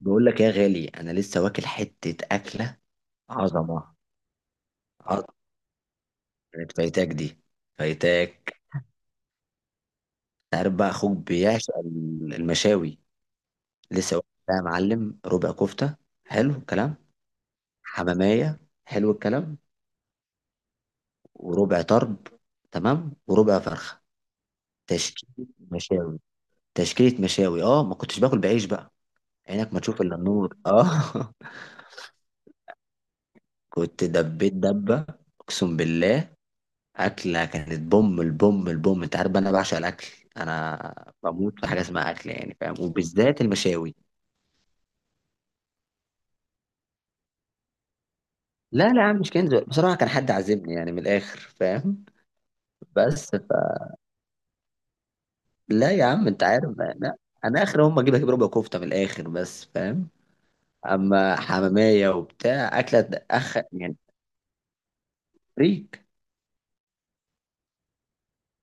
بقول لك يا غالي، انا لسه واكل حته اكله. عظمه. عظمه كانت فايتاك دي، فايتاك. تعرف بقى اخوك بيعشق المشاوي. لسه واكل بقى يا معلم ربع كفته. حلو الكلام. حماميه. حلو الكلام. وربع طرب. تمام، وربع فرخه. تشكيله مشاوي. تشكيله مشاوي، اه ما كنتش باكل بعيش بقى. عينك ما تشوف الا النور اه. كنت دبيت دبه. اقسم بالله. أكلة كانت بوم البوم البوم، أنت عارف بقى أنا بعشق الأكل. أنا بموت في حاجة اسمها أكل يعني فاهم، وبالذات المشاوي. لا لا يا عم، مش كنز، بصراحة كان حد عازمني يعني، من الآخر فاهم. بس ف... لا يا عم أنت عارف أنا. أنا آخر هم أجيب ربع كفتة من الآخر بس فاهم. أما حمامية وبتاع أكلة، أخ يعني. فريك.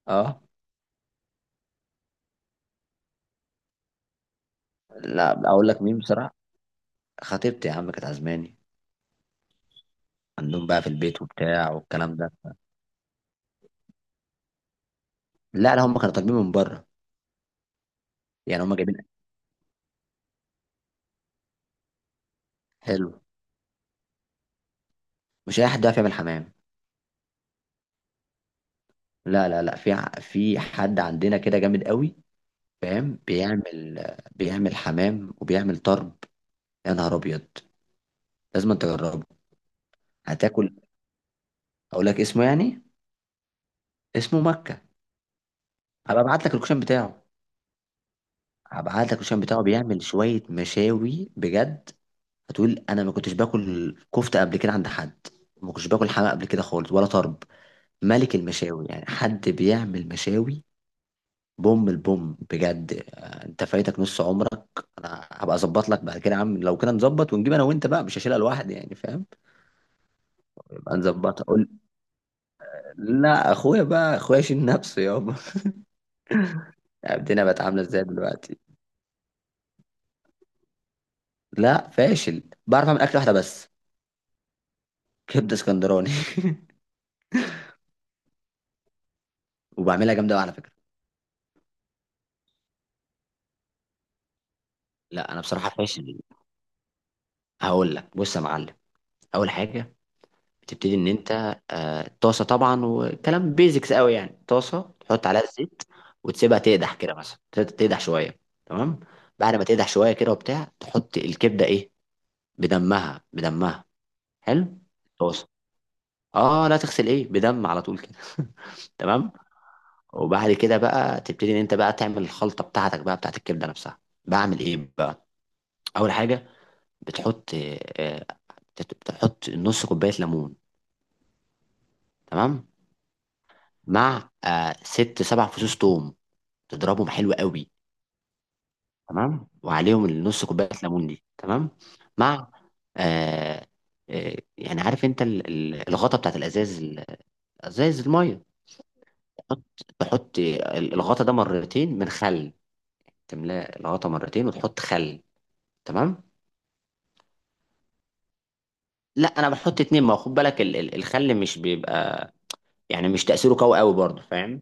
أه. لا أقول لك مين بصراحة. خطيبتي يا عم كانت عازماني. عندهم بقى في البيت وبتاع والكلام ده. لا لا هم كانوا طالبين من بره. يعني هم جايبين. حلو. مش اي حد يعرف يعمل حمام. لا لا لا، في في حد عندنا كده جامد قوي. فاهم، بيعمل. بيعمل حمام وبيعمل طرب. يا نهار ابيض. لازم أنت تجربه. هتاكل. اقول لك اسمه يعني. اسمه مكة. هبقى ابعت لك الكشان بتاعه. هبعت لك الكشان بتاعه، بيعمل شوية مشاوي بجد. هتقول انا ما كنتش باكل كفتة قبل كده عند حد. ما كنتش باكل حمام قبل كده خالص ولا طرب. ملك المشاوي يعني، حد بيعمل مشاوي بوم البوم بجد. انت فايتك نص عمرك. انا هبقى اظبط لك بعد كده يا عم، لو كده نظبط ونجيب انا وانت بقى، مش هشيلها لوحدي يعني فاهم. نبقى نظبطها، قول. لا اخويا بقى اخويا شيل نفسه يابا. الدنيا بقت عامله ازاي دلوقتي؟ لا فاشل، بعرف اعمل اكله واحده بس. كبده اسكندراني. وبعملها جامده أوي على فكره. لا انا بصراحه فاشل. هقول لك بص يا معلم. اول حاجه، بتبتدي ان انت، طاسه طبعا، وكلام بيزكس قوي، يعني طاسه تحط عليها الزيت. وتسيبها تقدح كده، مثلا تسيبها تقدح شويه. تمام. بعد ما تقدح شويه كده وبتاع، تحط الكبده ايه، بدمها بدمها. حلو. طاسه. اه لا تغسل، ايه، بدم على طول كده تمام. وبعد كده بقى تبتدي ان انت بقى تعمل الخلطه بتاعتك بقى بتاعت الكبده نفسها. بعمل ايه بقى؟ اول حاجه، بتحط، آه، بتحط نص كوبايه ليمون. تمام. مع ست سبع فصوص توم. تضربهم حلو قوي. تمام، وعليهم النص كوبايه ليمون دي. تمام. مع، آه يعني عارف انت الغطا بتاعت الازاز، ازاز الميه. تحط، تحط الغطا ده مرتين من خل. تملاه الغطا مرتين وتحط خل. تمام. لا انا بحط اتنين، ما هو خد بالك الخل مش بيبقى، يعني مش تاثيره قوي قوي برضه فاهم.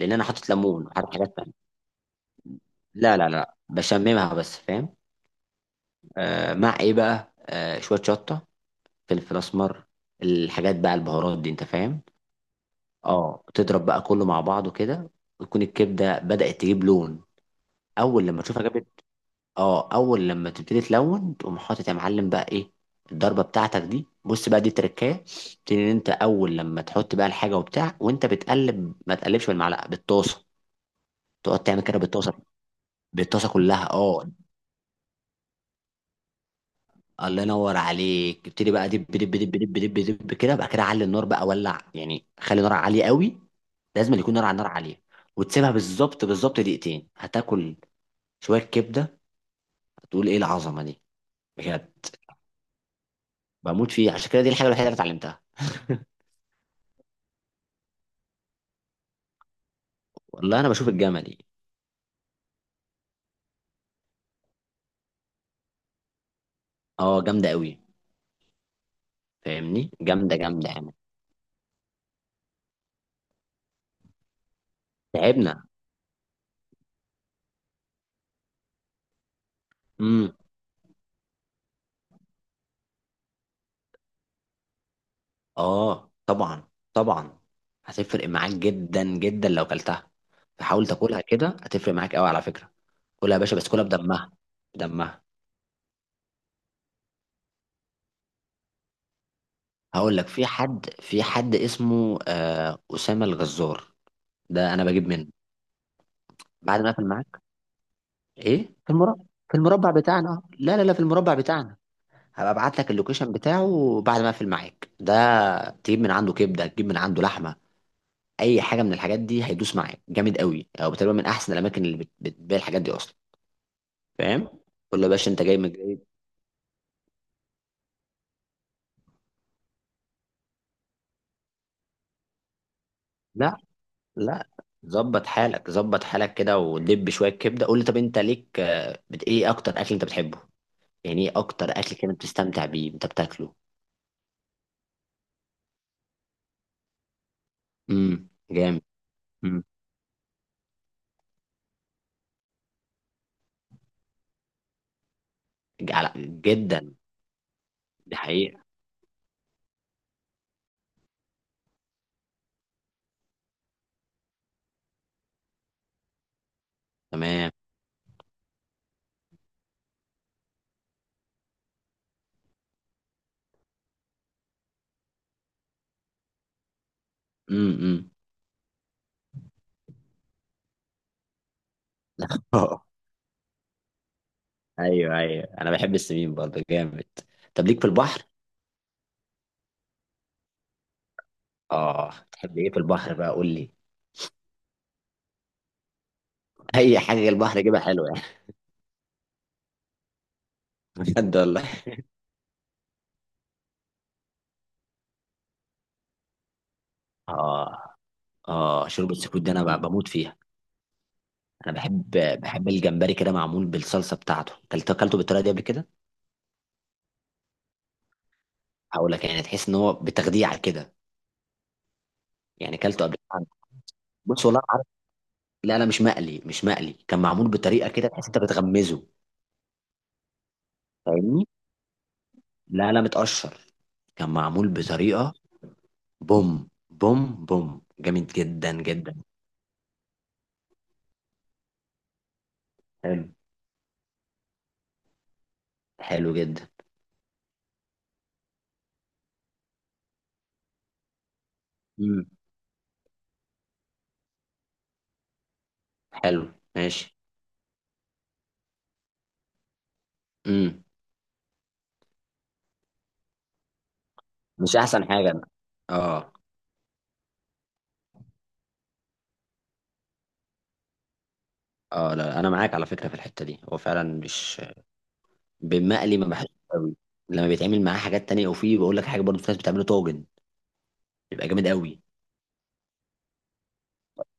لان انا حاطط ليمون وحاطط حاجات تانية. لا لا لا بشممها بس فاهم. آه، مع ايه بقى، آه شويه شطه، فلفل اسمر، الحاجات بقى البهارات دي انت فاهم. اه، تضرب بقى كله مع بعضه كده، وتكون الكبده بدات تجيب لون. اول لما تشوفها جابت، اه، اول لما تبتدي تلون تقوم حاطط يا معلم بقى ايه، الضربه بتاعتك دي. بص بقى دي تركايه. تبتدي ان انت اول لما تحط بقى الحاجه وبتاع، وانت بتقلب ما تقلبش بالمعلقه، بالطاسه. تقعد تعمل كده بالطاسه. بالطاسه كلها اه. الله ينور عليك. ابتدي بقى دب دب دب دب دب دب كده بقى، كده علي النار بقى، ولع يعني خلي النار عاليه قوي. لازم يكون نار على النار عاليه. وتسيبها بالظبط بالظبط دقيقتين، هتاكل شويه كبده، هتقول ايه العظمه دي. بجد، بموت فيه، عشان كده دي الحاجه الوحيده اللي اتعلمتها. والله انا بشوف الجمل دي. اه جامده قوي. فاهمني جامده جامده يعني. تعبنا. اه طبعا. طبعا. هتفرق معاك جدا جدا لو كلتها. فحاول تاكلها كده، هتفرق معاك قوي على فكره. كلها يا باشا، بس كلها بدمها. بدمها. هقول لك، في حد اسمه اسامه الغزار. ده انا بجيب منه. بعد ما اقفل معاك. ايه، في المربع. في المربع بتاعنا، لا لا لا، في المربع بتاعنا. هبقى ابعت لك اللوكيشن بتاعه بعد ما اقفل معاك ده. تجيب من عنده كبده، تجيب من عنده لحمه. اي حاجه من الحاجات دي هيدوس معاك جامد قوي، او تقريبا من احسن الاماكن اللي بتبيع الحاجات دي اصلا. فاهم. قول له يا باشا انت جاي من جاي. لا لا، ظبط حالك، ظبط حالك كده، ودب شويه كبده. قول له طب انت ليك ايه اكتر اكل انت بتحبه؟ يعني ايه اكتر اكل كده بتستمتع بيه انت بتاكله؟ جامد. امم. على... جدا. دي حقيقه. تمام. امم. ايوه ايوه، انا بحب السمين برضه جامد. طب ليك في البحر. اه تحب ايه في البحر بقى، قول لي. اي حاجه البحر جيبها حلوه يعني. بجد والله. اه. اه شوربه سكوت دي انا بموت فيها. انا بحب، بحب الجمبري كده معمول بالصلصه بتاعته، كلت اكلته بالطريقه دي قبل كده. هقول لك يعني تحس ان هو بتخديعه كده. يعني اكلته قبل كده. بص والله عارف. لا لا، مش مقلي، مش مقلي، كان معمول بطريقه كده تحس انت بتغمزه. فاهمني. لا لا، متقشر. كان معمول بطريقه بوم. بوم بوم جامد جدا جدا. حلو. حلو جدا. امم. حلو ماشي. امم. مش احسن حاجه. اه. اه لا انا معاك على فكره في الحته دي، هو فعلا مش بالمقلي، ما بحبش قوي. لما بيتعمل معاه حاجات تانية، وفي بقول لك حاجة برضو، في ناس بتعمله طاجن، بيبقى جامد قوي.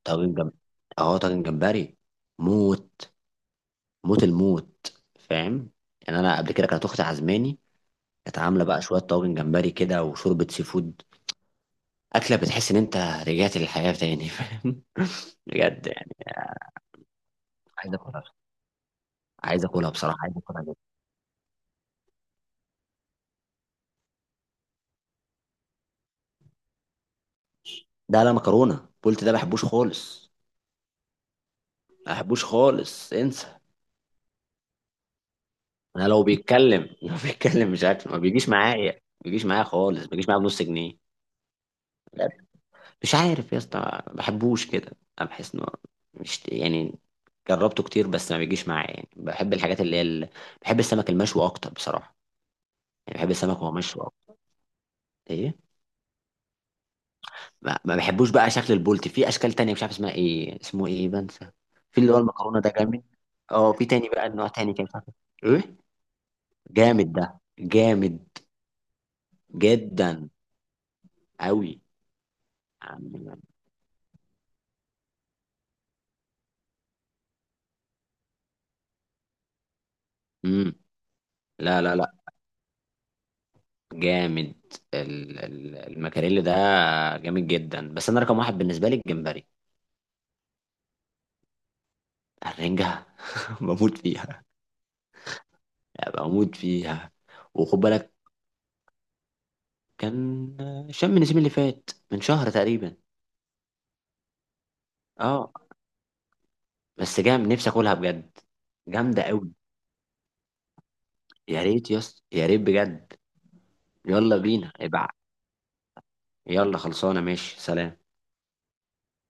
طاجن جمبري. اه طاجن جمبري. موت. موت الموت فاهم. يعني انا قبل كده كانت اختي عزماني. كانت عامله بقى شويه طاجن جمبري كده وشوربه سي فود. اكله بتحس ان انت رجعت للحياه تاني فاهم، بجد يعني. عايز اكلها. عايز اكلها بصراحه، عايز اكلها جدا. ده لا، مكرونه قلت، ده ما بحبوش خالص. ما بحبوش خالص، انسى. انا لو بيتكلم، لو بيتكلم، مش عارف، ما بيجيش معايا، ما بيجيش معايا خالص، ما بيجيش معايا بنص جنيه. بجد. مش عارف يا اسطى. ما بحبوش كده. انا بحس انه مش يعني، جربته كتير بس ما بيجيش معايا، يعني بحب الحاجات اللي هي بحب السمك المشوي اكتر بصراحه. يعني بحب السمك وهو مشوي اكتر. ايه. ما بحبوش بقى شكل البولتي، في اشكال تانية مش عارف اسمها ايه، اسمه ايه، بنسى. في اللي هو المكرونه ده جامد. اه في تاني بقى نوع تاني كده مش عارف. ايه. جامد، ده جامد جدا قوي. امم. لا لا لا جامد، المكاريلي ده جامد جدا، بس انا رقم واحد بالنسبه لي الجمبري. الرنجه. بموت فيها. بموت فيها. وخد بالك، كان شم النسيم اللي فات من شهر تقريبا. اه بس جام نفسي اكلها بجد. جامده قوي. يا ريت يس، يا ريت بجد. يلا بينا. يلا خلصانه، ماشي، سلام.